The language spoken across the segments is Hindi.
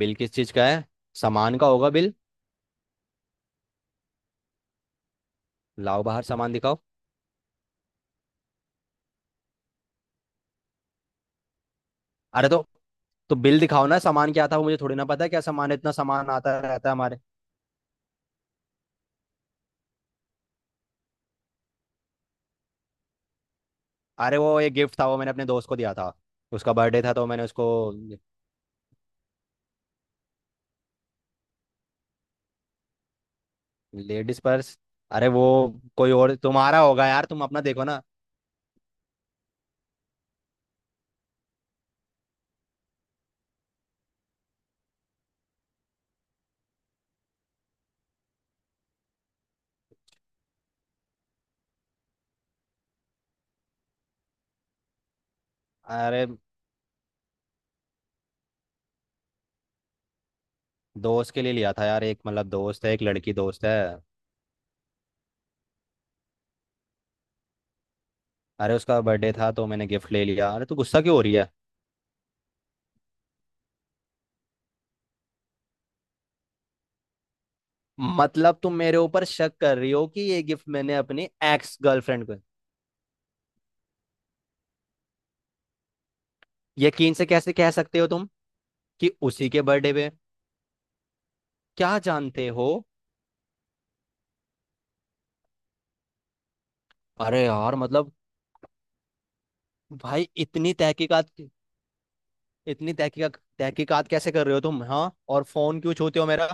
बिल किस चीज का है? सामान का होगा बिल। लाओ बाहर, सामान दिखाओ। अरे तो बिल दिखाओ ना, सामान क्या था वो मुझे थोड़ी ना पता है। क्या सामान है? इतना सामान आता रहता है हमारे। अरे वो एक गिफ्ट था, वो मैंने अपने दोस्त को दिया था। उसका बर्थडे था तो मैंने उसको। Ladies purse? अरे वो कोई और तुम्हारा होगा यार, तुम अपना देखो ना। अरे दोस्त के लिए लिया था यार, एक मतलब दोस्त है, एक लड़की दोस्त है। अरे उसका बर्थडे था तो मैंने गिफ्ट ले लिया। अरे तू गुस्सा क्यों हो रही है? मतलब तुम मेरे ऊपर शक कर रही हो कि ये गिफ्ट मैंने अपनी एक्स गर्लफ्रेंड को। यकीन से कैसे कह सकते हो तुम कि उसी के बर्थडे पे? क्या जानते हो? अरे यार मतलब, भाई इतनी तहकीकात। इतनी तहकीकात तहकीकात कैसे कर रहे हो तुम, हाँ? और फोन क्यों छूते हो मेरा?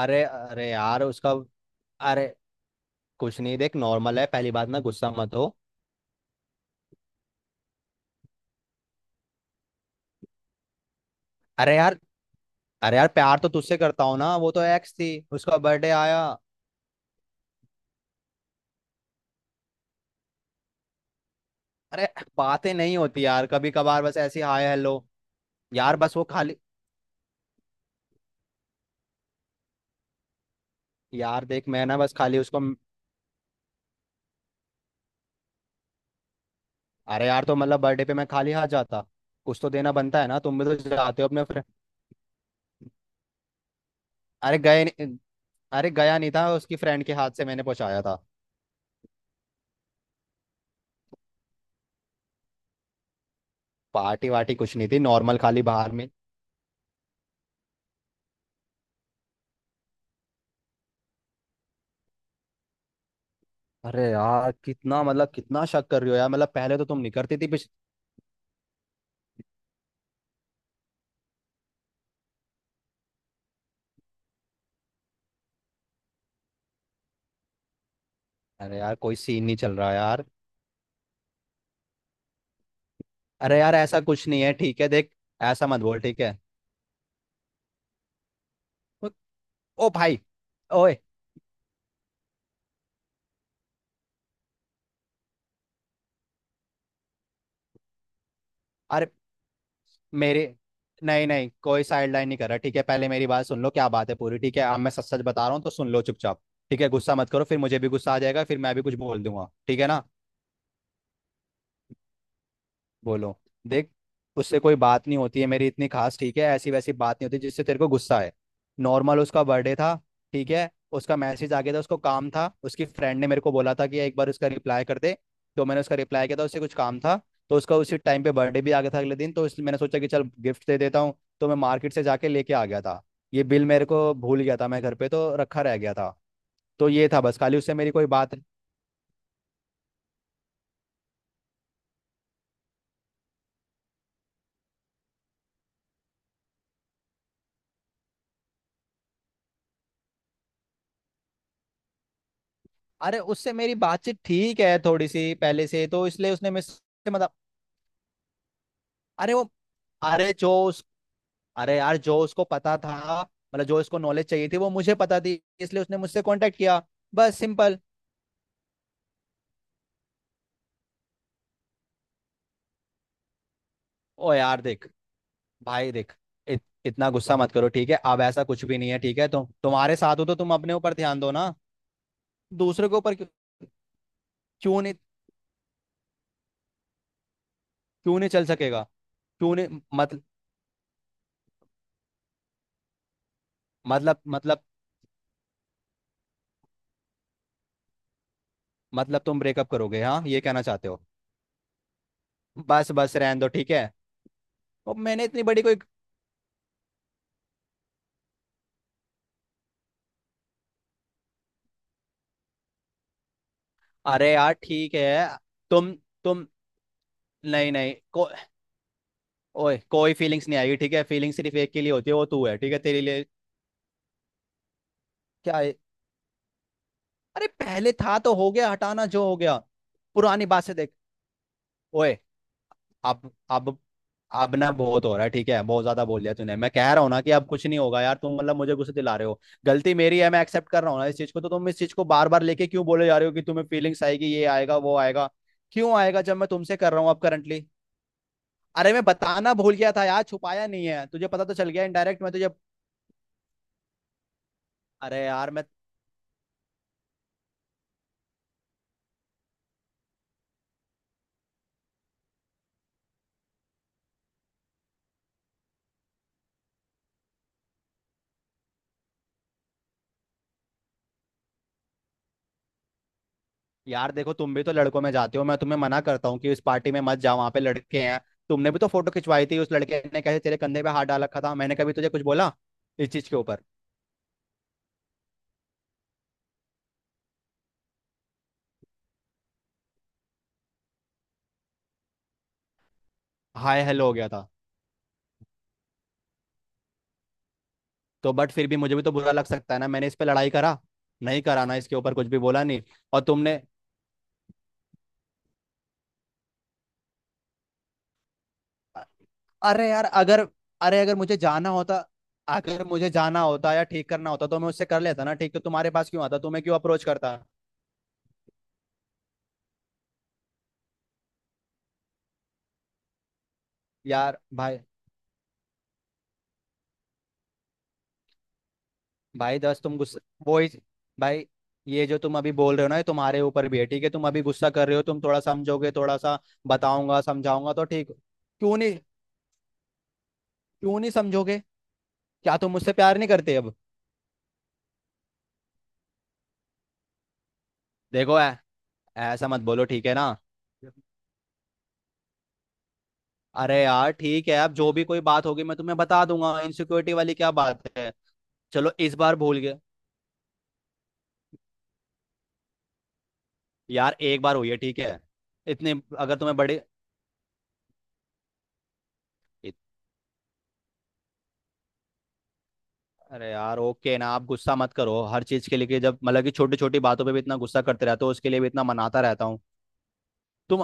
अरे अरे यार उसका। अरे कुछ नहीं, देख नॉर्मल है। पहली बात, ना गुस्सा मत हो। अरे यार, अरे यार प्यार तो तुझसे करता हूँ ना, वो तो एक्स थी, उसका बर्थडे आया। अरे बातें नहीं होती यार, कभी कभार बस ऐसी हाय हेलो। यार बस वो खाली। यार देख, मैं ना बस खाली उसको। अरे यार तो मतलब बर्थडे पे मैं खाली हाथ जाता? कुछ तो देना बनता है ना, तुम भी तो जाते हो अपने फ्रेंड। अरे गए नहीं- अरे गया नहीं था, उसकी फ्रेंड के हाथ से मैंने पहुंचाया था। पार्टी वार्टी कुछ नहीं थी, नॉर्मल खाली बाहर में। अरे यार कितना मतलब कितना शक कर रही हो यार, मतलब पहले तो तुम नहीं करती थी अरे यार कोई सीन नहीं चल रहा यार। अरे यार ऐसा कुछ नहीं है ठीक है, देख। ऐसा मत बोल ठीक है। ओ भाई! ओए! अरे मेरे नहीं नहीं, कोई साइड लाइन नहीं कर रहा ठीक है। पहले मेरी बात सुन लो क्या बात है पूरी, ठीक है? अब मैं सच सच बता रहा हूँ तो सुन लो चुपचाप। ठीक है गुस्सा मत करो, फिर मुझे भी गुस्सा आ जाएगा, फिर मैं भी कुछ बोल दूंगा ठीक है ना। बोलो, देख। उससे कोई बात नहीं होती है मेरी इतनी खास, ठीक है? ऐसी वैसी बात नहीं होती जिससे तेरे को गुस्सा है। नॉर्मल उसका बर्थडे था ठीक है। उसका मैसेज आ गया था, उसको काम था, उसकी फ्रेंड ने मेरे को बोला था कि एक बार उसका रिप्लाई कर दे। तो मैंने उसका रिप्लाई किया था, उससे कुछ काम था। तो उसका उसी टाइम पे बर्थडे भी आ गया था अगले दिन, तो इसलिए मैंने सोचा कि चल गिफ्ट दे देता हूँ। तो मैं मार्केट से जाके लेके आ गया था। ये बिल मेरे को भूल गया था, मैं घर पे तो रखा रह गया था। तो ये था बस खाली, उससे मेरी कोई बात। अरे उससे मेरी बातचीत ठीक है थोड़ी सी पहले से, तो इसलिए उसने मिस। मतलब, अरे वो, अरे जो उस अरे यार जो उसको पता था, मतलब जो उसको नॉलेज चाहिए थी वो मुझे पता थी, इसलिए उसने मुझसे कांटेक्ट किया। बस सिंपल। ओ यार देख, भाई देख, इतना गुस्सा मत करो ठीक है। अब ऐसा कुछ भी नहीं है ठीक है, तो तुम्हारे साथ हो तो तुम अपने ऊपर ध्यान दो ना। दूसरे के ऊपर क्यों? क्यों नहीं? क्यों नहीं चल सकेगा? क्यों नहीं? मत, मतलब, मतलब, मतलब तुम ब्रेकअप करोगे? हाँ ये कहना चाहते हो? बस बस रहने दो ठीक है। ओ, मैंने इतनी बड़ी कोई। अरे यार ठीक है। तुम, तुम। नहीं नहीं को ओए कोई फीलिंग्स नहीं आएगी ठीक है। फीलिंग सिर्फ एक के लिए होती है, वो तू है ठीक है, तेरे लिए। क्या है? अरे पहले था तो हो गया, हटाना जो हो गया। पुरानी बात से देख। ओए, अब अब अब ना बहुत हो रहा है ठीक है। बहुत ज्यादा बोल दिया तूने, मैं कह रहा हूँ ना कि अब कुछ नहीं होगा यार, तुम मतलब मुझे गुस्से दिला रहे हो। गलती मेरी है मैं एक्सेप्ट कर रहा हूँ ना इस चीज को, तो तुम इस चीज को बार बार लेके क्यों बोले जा रहे हो कि तुम्हें फीलिंग्स आएगी, ये आएगा वो आएगा? क्यों आएगा, जब मैं तुमसे कर रहा हूँ अब करंटली। अरे मैं बताना भूल गया था यार, छुपाया नहीं है, तुझे पता तो चल गया इनडायरेक्ट, मैं तुझे। अरे यार मैं। यार देखो तुम भी तो लड़कों में जाते हो, मैं तुम्हें मना करता हूँ कि इस पार्टी में मत जाओ, वहां पे लड़के हैं। तुमने भी तो फोटो खिंचवाई थी, उस लड़के ने कैसे तेरे कंधे पे हाथ डाल रखा था, मैंने कभी तुझे कुछ बोला इस चीज के ऊपर? हाय हेलो हो गया था तो? बट फिर भी मुझे भी तो बुरा लग सकता है ना, मैंने इस पे लड़ाई करा नहीं करा ना, इसके ऊपर कुछ भी बोला नहीं। और तुमने, अरे यार अगर, अरे अगर मुझे जाना होता, अगर मुझे जाना होता या ठीक करना होता तो मैं उससे कर लेता ना ठीक, तो तुम्हारे पास क्यों आता, तुम्हें क्यों अप्रोच करता? यार भाई, भाई दस तुम गुस्सा, वो ही, भाई ये जो तुम अभी बोल रहे हो ना ये तुम्हारे ऊपर भी है ठीक है, तुम अभी गुस्सा कर रहे हो, तुम थोड़ा समझोगे थोड़ा सा बताऊंगा समझाऊंगा तो ठीक, क्यों नहीं? क्यों नहीं समझोगे? क्या तुम मुझसे प्यार नहीं करते अब? देखो, ऐसा मत बोलो ठीक है ना। अरे यार ठीक है, अब जो भी कोई बात होगी मैं तुम्हें बता दूंगा, इनसिक्योरिटी वाली क्या बात है। चलो इस बार भूल गए। यार एक बार हुई है ठीक है। इतने अगर तुम्हें बड़ी, अरे यार ओके ना, आप गुस्सा मत करो हर चीज के लिए कि जब मतलब कि छोटी छोटी बातों पे भी इतना गुस्सा करते रहते हो, उसके लिए भी इतना मनाता रहता हूँ। तुम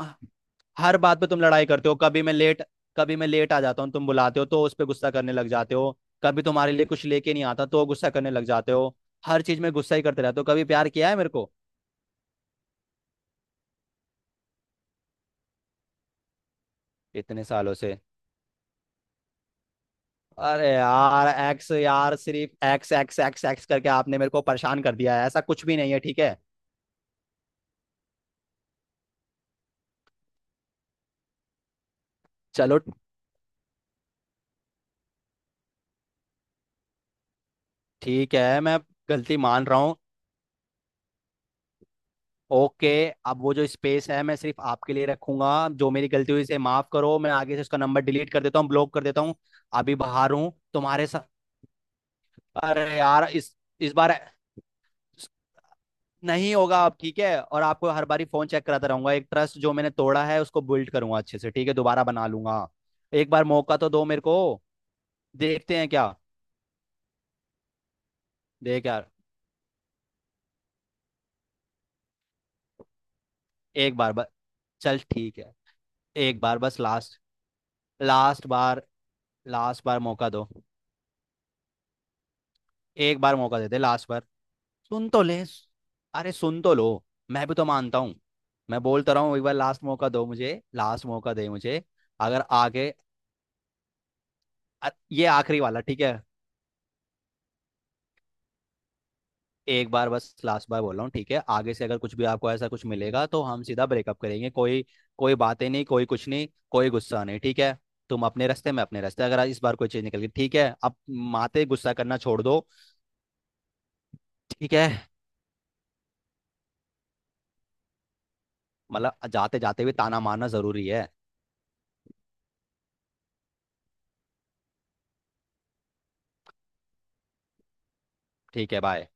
हर बात पे तुम लड़ाई करते हो। कभी मैं लेट आ जाता हूँ तुम बुलाते हो, तो उस पे गुस्सा करने लग जाते हो। कभी तुम्हारे लिए कुछ लेके नहीं आता तो गुस्सा करने लग जाते हो। हर चीज में गुस्सा ही करते रहते हो, कभी प्यार किया है मेरे को? इतने सालों से, अरे यार एक्स यार, सिर्फ एक्स एक्स एक्स एक्स करके आपने मेरे को परेशान कर दिया है, ऐसा कुछ भी नहीं है ठीक है। चलो ठीक है, मैं गलती मान रहा हूँ। ओके, अब वो जो स्पेस है मैं सिर्फ आपके लिए रखूंगा, जो मेरी गलती हुई इसे माफ करो, मैं आगे से उसका नंबर डिलीट कर देता हूँ, ब्लॉक कर देता हूँ। अभी बाहर हूँ तुम्हारे साथ। अरे यार इस बार नहीं होगा अब ठीक है, और आपको हर बारी फोन चेक कराता रहूंगा, एक ट्रस्ट जो मैंने तोड़ा है उसको बिल्ड करूंगा अच्छे से ठीक है, दोबारा बना लूंगा। एक बार मौका तो दो मेरे को। देखते हैं क्या? देख यार, एक बार बस, चल ठीक है, एक बार बस लास्ट, लास्ट बार, लास्ट बार मौका दो, एक बार मौका दे दे लास्ट बार। सुन तो ले, अरे सुन तो लो, मैं भी तो मानता हूँ, मैं बोलता रहा हूँ एक बार लास्ट मौका दो मुझे, लास्ट मौका दे मुझे। अगर आगे, ये आखिरी वाला ठीक है। एक बार बस लास्ट बार बोल रहा हूँ ठीक है, आगे से अगर कुछ भी आपको ऐसा कुछ मिलेगा तो हम सीधा ब्रेकअप करेंगे, कोई कोई बातें नहीं, कोई कुछ नहीं, कोई गुस्सा नहीं ठीक है। तुम अपने रास्ते मैं अपने रास्ते, अगर इस बार कोई चीज़ निकल गई ठीक है। अब माते गुस्सा करना छोड़ दो ठीक है। मतलब जाते जाते भी ताना मारना जरूरी है? ठीक है बाय।